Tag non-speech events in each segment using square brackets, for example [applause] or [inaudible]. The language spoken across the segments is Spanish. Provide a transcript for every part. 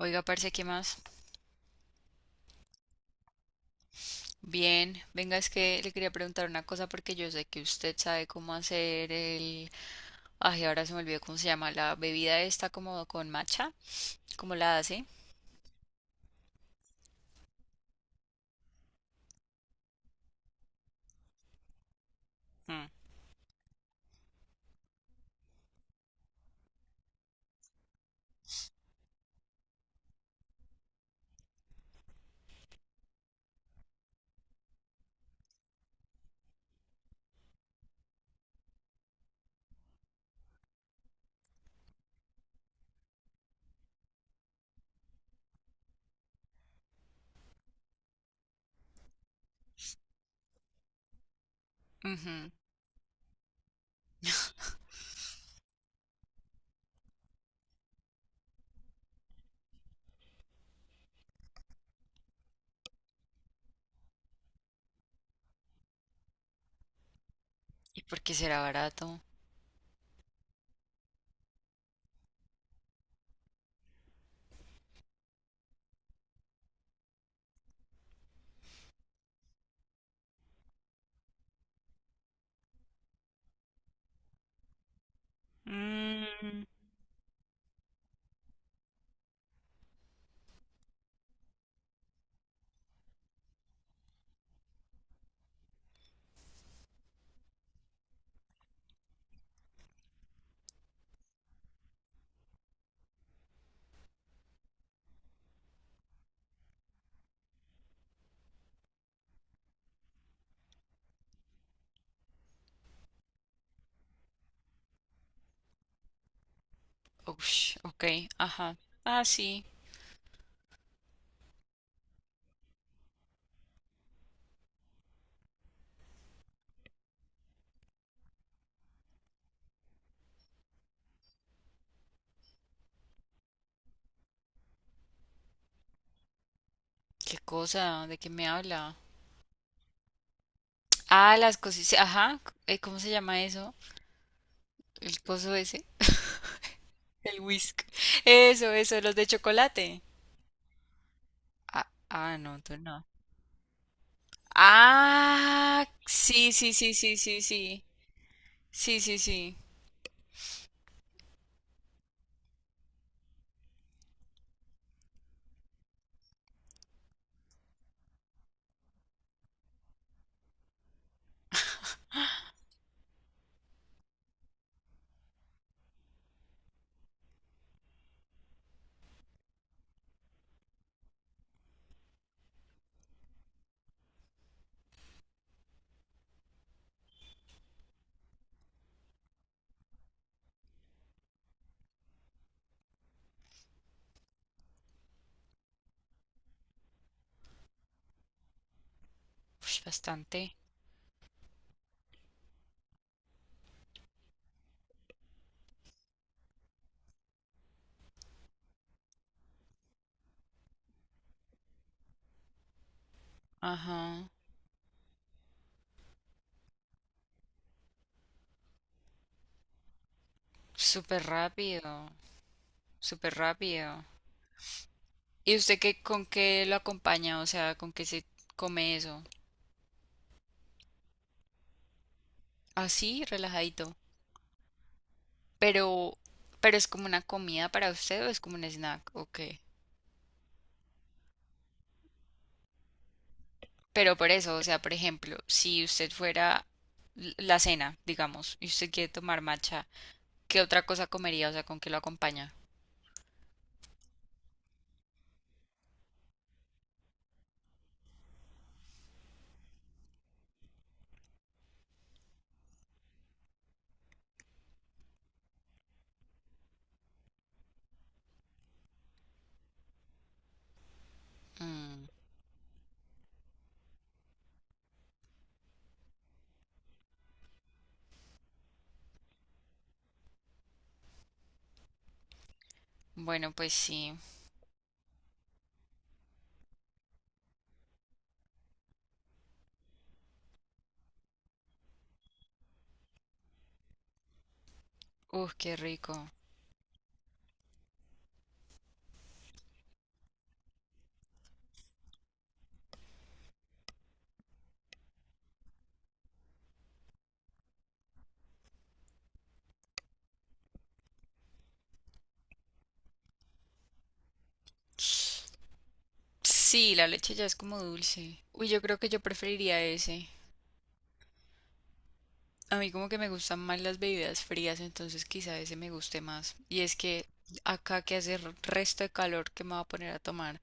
Oiga, parce, ¿qué más? Bien, venga, es que le quería preguntar una cosa porque yo sé que usted sabe cómo hacer el... Ay, ahora se me olvidó cómo se llama, la bebida esta como con matcha, ¿cómo la hace? Mm. Ujú. [laughs] ¿Y por qué será barato? Mm, ush, ok, ajá. Ah, sí. ¿Qué cosa? ¿De qué me habla? Ah, las cosas, sí, ajá, ¿cómo se llama eso? El coso ese, el whisk. Eso, los de chocolate. Ah, ah, no, tú no. Ah, sí, sí, sí, sí, sí, sí. Sí, sí, sí. Ush, bastante. Ajá. Súper rápido. Súper rápido. ¿Y usted qué, con qué lo acompaña? O sea, ¿con qué se come eso? Así, relajadito. Pero, pero es como una comida para usted o es como un snack, ¿o qué? Pero por eso, o sea, por ejemplo, si usted fuera l- la cena, digamos, y usted quiere tomar matcha, ¿qué otra cosa comería? O sea, ¿con qué lo acompaña? Mm, bueno, pues sí. Uf, qué rico. Sí, la leche ya es como dulce. Uy, yo creo que yo preferiría ese. A mí como que me gustan más las bebidas frías, entonces quizá ese me guste más. Y es que acá que hace r- resto de calor que me va a poner a tomar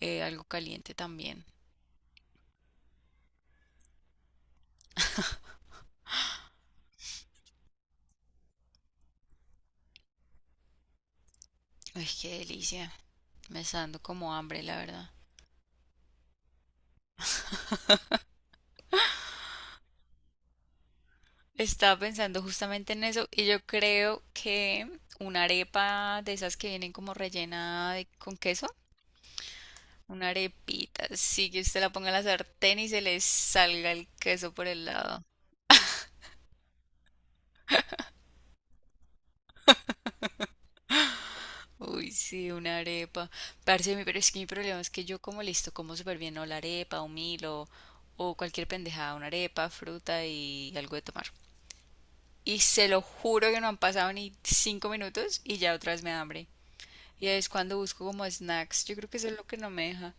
algo caliente también. Uy, qué delicia. Me está dando como hambre, la verdad. Estaba pensando justamente en eso y yo creo que una arepa de esas que vienen como rellena de- con queso. Una arepita, sí, que usted la ponga en la sartén y se le salga el queso por el lado. Uy, sí, una arepa. Parce, mi- pero es que mi problema es que yo como listo, como súper bien, o la arepa, un Milo, o cualquier pendejada, una arepa, fruta y algo de tomar. Y se lo juro que no han pasado ni 5 minutos y ya otra vez me da hambre. Y es cuando busco como snacks. Yo creo que eso es lo que no me deja.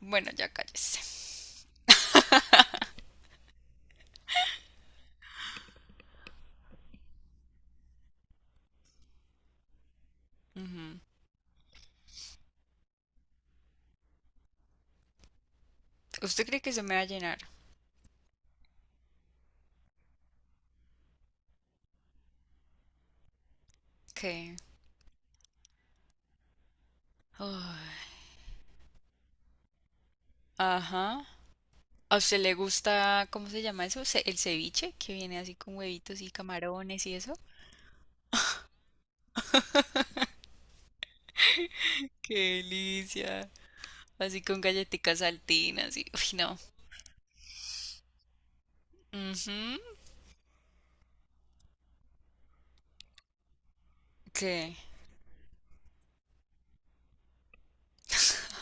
Bueno, ya cállese. ¿Usted cree que se me va a llenar? ¿Qué? Ay, ajá. ¿A usted le gusta, cómo se llama eso? Ce- El ceviche, que viene así con huevitos y camarones y eso. ¡Qué delicia! Así con galletitas saltinas y... Uy, no. Ujú. ¿Qué?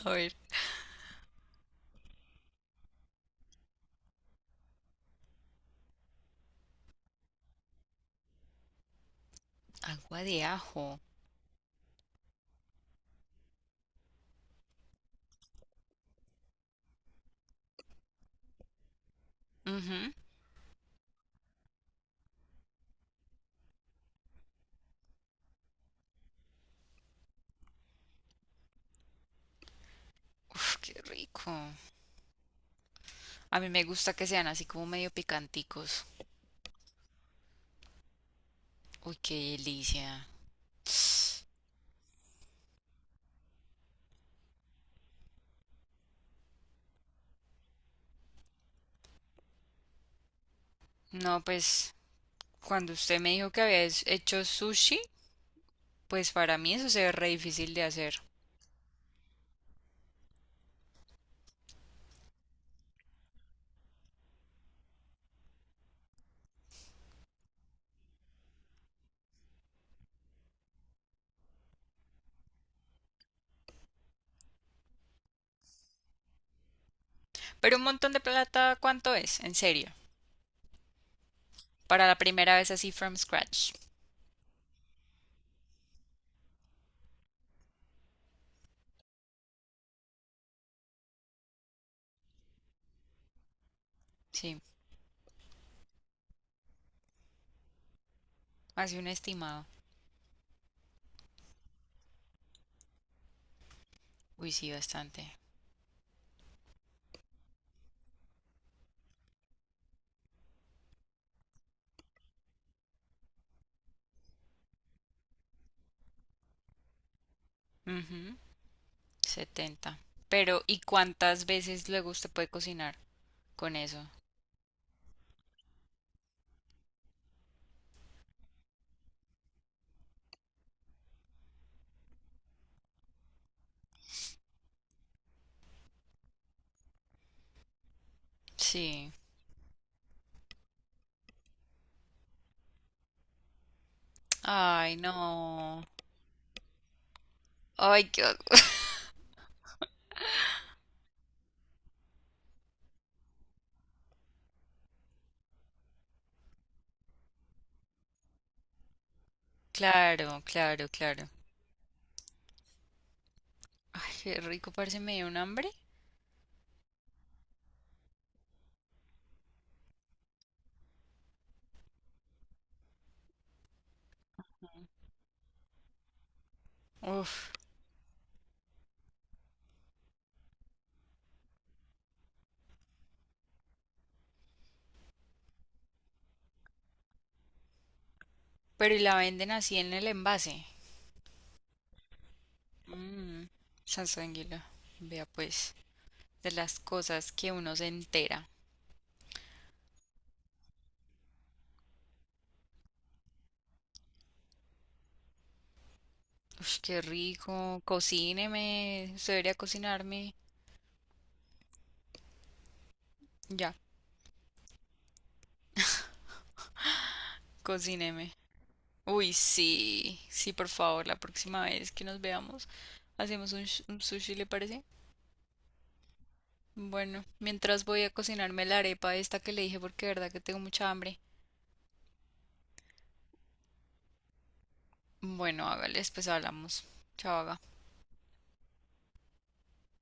A ver. Agua de ajo. Ujú. Uf, qué rico. A mí me gusta que sean así como medio picanticos. Uy, qué delicia. No, pues cuando usted me dijo que habías hecho sushi, pues para mí eso se ve re difícil de hacer. Pero un montón de plata, ¿cuánto es? En serio. Para la primera vez así from scratch. Sí, así un estimado. Uy, sí, bastante. Ujú, 70. Pero, ¿y cuántas veces luego usted puede cocinar con eso? Sí. Ay, no. Ay, qué... Claro, claro, claro. Ay, qué rico, parece me dio un hambre. Uf. Pero y la venden así en el envase. Mmm, sanguíneo. Vea pues, de las cosas que uno se entera. Ush, qué rico. Cocíneme. Usted debería cocinarme. Ya, cocíneme. Uy, sí. Sí, por favor, la próxima vez que nos veamos, hacemos un, sh- un sushi, ¿le parece? Bueno, mientras voy a cocinarme la arepa esta que le dije porque de verdad que tengo mucha hambre. Bueno, hágale, después hablamos. Chao, haga.